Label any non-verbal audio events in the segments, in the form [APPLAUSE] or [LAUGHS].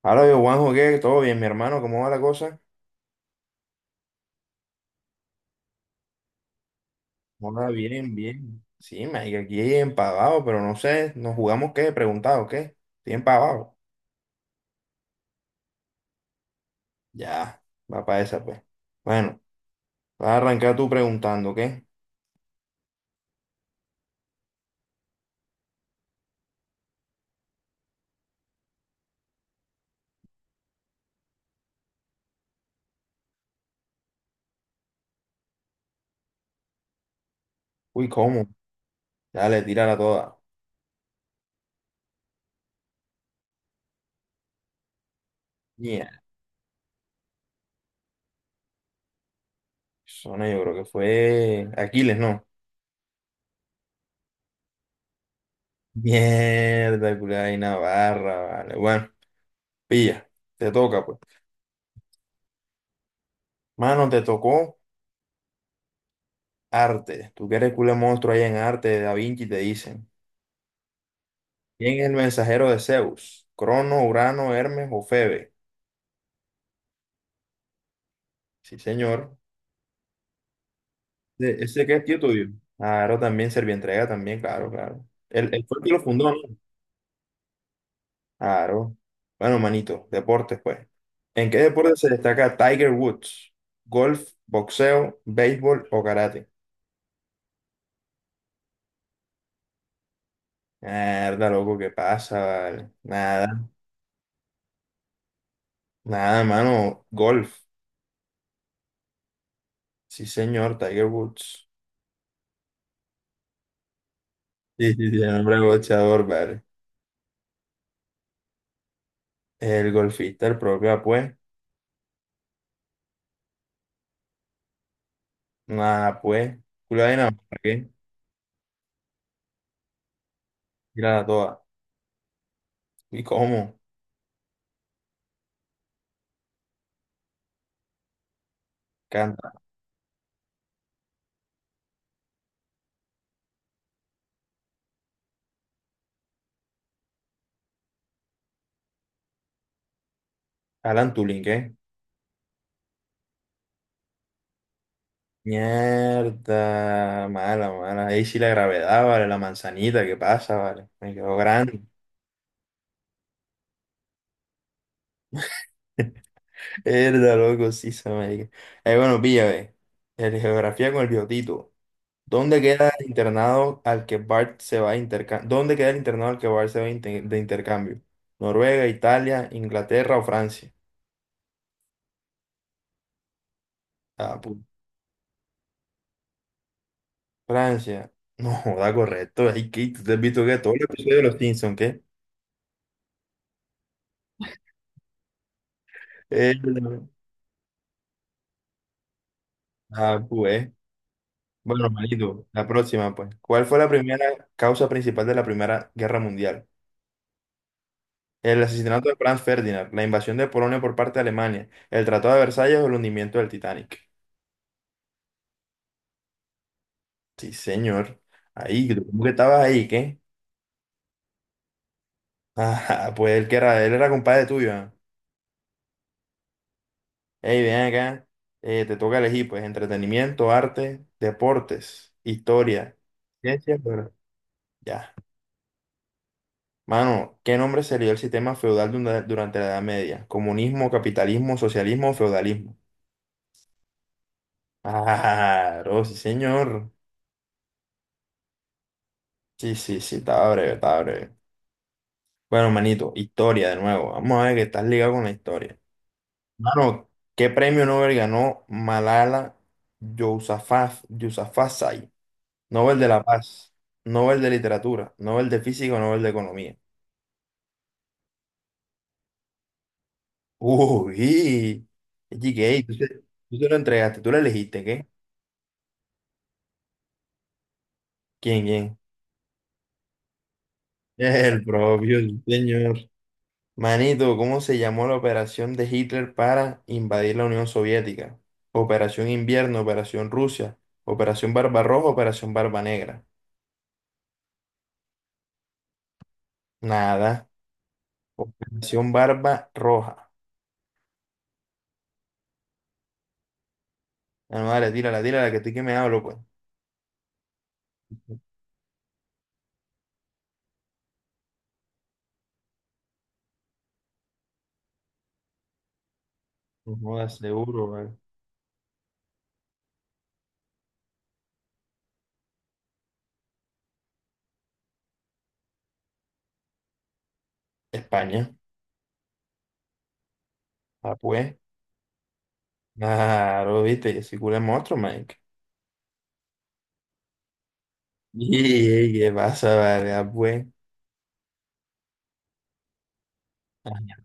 Hola, yo Juanjo, ¿qué? ¿Todo bien, mi hermano? ¿Cómo va la cosa? Hola, bien, bien. Sí, marica, aquí empavado, pero no sé, ¿nos jugamos qué? ¿Preguntado qué? Estoy empavado. Ya, va para esa, pues. Bueno, vas a arrancar tú preguntando, ¿qué? Uy, ¿cómo? Dale, tírala toda. Mierda, zona yo creo que fue Aquiles, ¿no? [LAUGHS] Mierda, culada y Navarra, vale. Bueno, pilla, te toca, pues. Mano, te tocó arte. Tú que eres culé monstruo ahí en arte, Da Vinci, te dicen. ¿Quién es el mensajero de Zeus? Crono, Urano, Hermes o Febe. Sí, señor. ¿Ese qué es tío tuyo? Claro, también Servientrega, también, claro, claro. Él fue el que lo fundó, ¿no? Claro. Bueno, manito, deportes, pues. ¿En qué deporte se destaca Tiger Woods? ¿Golf, boxeo, béisbol o karate? Mierda, loco, ¿qué pasa, vale? Nada, nada, mano. Golf. Sí, señor, Tiger Woods. Sí, sí, sí, el hombre boxeador, vale. El golfista, el propio, pues. Nada, pues, culo de Dinamarca, ¿qué? Mírala toda. ¿Y cómo? Canta. Alan Turing, ¿qué? Mierda, mala, mala. Ahí sí la gravedad, vale, la manzanita, ¿qué pasa, vale? Me quedó grande. [LAUGHS] Mierda, loco, sí, se me diga. Bueno, pilla, ve. El geografía con el biotito. ¿Dónde queda el internado al que Bart se va a intercambio? ¿Dónde queda el internado al que Bart se va a de intercambio? ¿Noruega, Italia, Inglaterra o Francia? Ah, puta. Francia. No, joda, correcto. Ay, ¿qué? ¿Tú te has visto que todo el episodio de los Simpsons, qué? Eh, ah, pues. Bueno, manito, la próxima, pues. ¿Cuál fue la primera causa principal de la Primera Guerra Mundial? El asesinato de Franz Ferdinand, la invasión de Polonia por parte de Alemania, el Tratado de Versalles o el hundimiento del Titanic. Sí, señor. Ahí, ¿cómo que estabas ahí, qué? [LAUGHS] Ah, pues él era compadre tuyo, ¿ah? Hey, ven acá, te toca elegir, pues, entretenimiento, arte, deportes, historia, ciencia, pero ya. Mano, ¿qué nombre se le dio al sistema feudal durante la Edad Media? ¿Comunismo, capitalismo, socialismo o feudalismo? [LAUGHS] Ah, oh, sí, señor. Sí, sí, sí, estaba breve, estaba breve. Bueno, manito, historia de nuevo. Vamos a ver que estás ligado con la historia. Mano, ¿qué premio Nobel ganó Malala Yousafzai? Nobel de la Paz, Nobel de Literatura, Nobel de Física, Nobel de Economía. Uy, [LAUGHS] GK, tú se lo entregaste, tú lo elegiste, ¿qué? ¿Quién? [LAUGHS] El propio señor. Manito, ¿cómo se llamó la operación de Hitler para invadir la Unión Soviética? Operación Invierno, Operación Rusia, Operación Barbarroja, Operación Barba Negra. Nada. Operación Barba Roja. Ah, no, dale, tírala, tírala, que estoy que me hablo, pues. No jodas, seguro, güey. España. Ah, pues. Claro, viste, yo soy culo de monstruo, Mike. Y qué pasa, vale, ah, pues. Ah,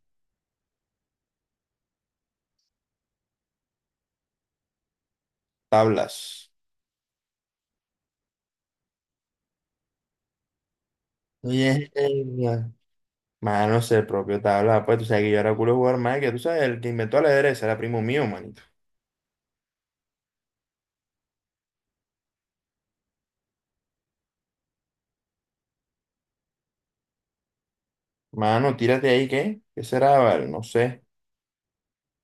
tablas. Oye, mano, es el propio tabla, pues tú sabes que yo era culo de jugar, Mike, que tú sabes, el que inventó el ajedrez era primo mío, manito. Mano, tírate ahí, ¿qué? ¿Qué será, vale? No sé.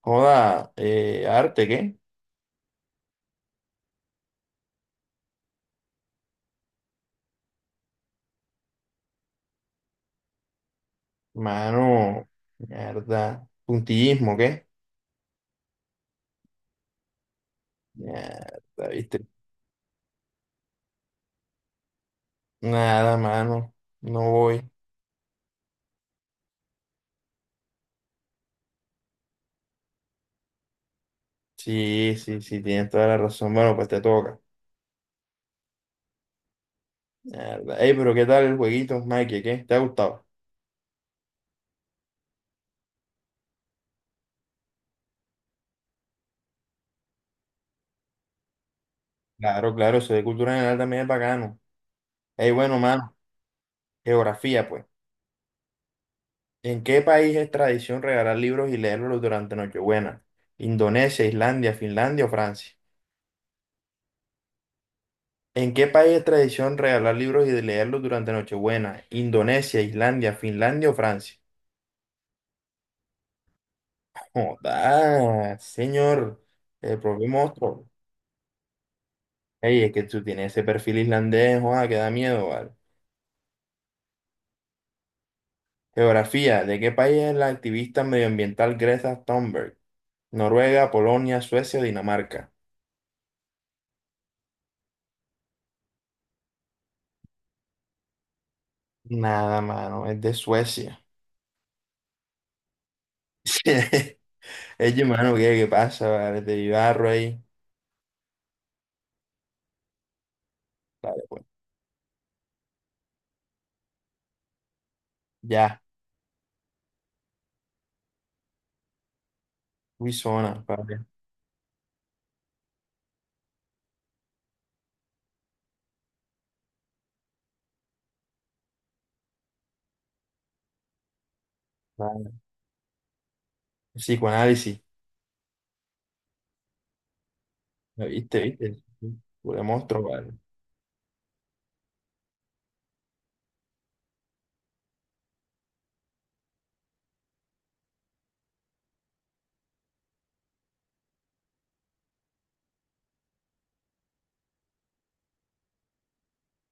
Joda, arte, ¿qué? Mano, mierda. Puntillismo, ¿qué? Mierda, viste. Nada, mano, no voy. Sí, sí, sí, tienes toda la razón. Bueno, pues te toca. Mierda. Ey, pero ¿qué tal el jueguito, Mikey? ¿Qué? ¿Te ha gustado? Claro, claro, eso de cultura general también es bacano. Ey, bueno, mano, geografía, pues. ¿En qué país es tradición regalar libros y leerlos durante Nochebuena? ¿Indonesia, Islandia, Finlandia o Francia? ¿En qué país es tradición regalar libros y leerlos durante Nochebuena? ¿Indonesia, Islandia, Finlandia o Francia? Joda, señor, el propio monstruo. Ey, es que tú tienes ese perfil islandés, joda, que da miedo, ¿vale? Geografía. ¿De qué país es la activista medioambiental Greta Thunberg? Noruega, Polonia, Suecia o Dinamarca. Nada, mano, es de Suecia. [LAUGHS] Es mano, ¿qué pasa? Vale, te ayudarro ahí. Vale, pues. Ya, uy, zona, vale. Vale. Psicoanálisis. ¿Lo ¿Viste, viste? Pure monstruo, vale.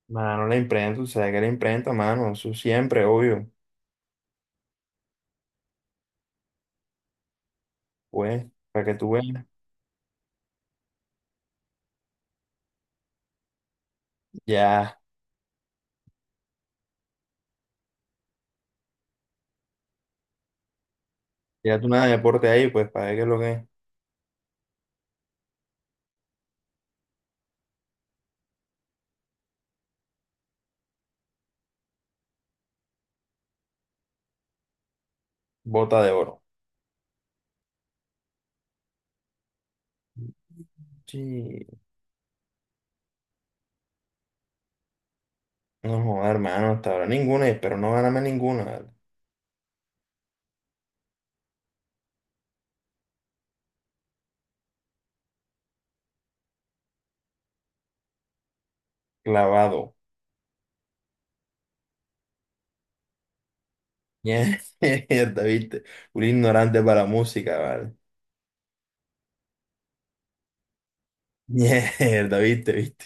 Mano, la imprenta, o sea, que la imprenta, mano, eso siempre, obvio. Pues, para que tú veas. Ya, ya tú nada de deporte ahí, pues, para ver qué es lo que es. Bota de oro. Sí. No, joda, hermano, hasta ahora ninguna, y espero no ganarme ninguna. Clavado. [LAUGHS] Mierda, viste. Un ignorante para la música, vale. Mierda, viste, viste.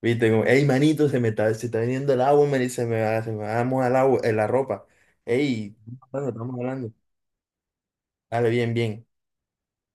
Viste, como, ey, manito, se está viniendo el agua, me dice, se me va a mojar el agua, la ropa. Ey, estamos hablando, estamos hablando. Dale, bien, bien.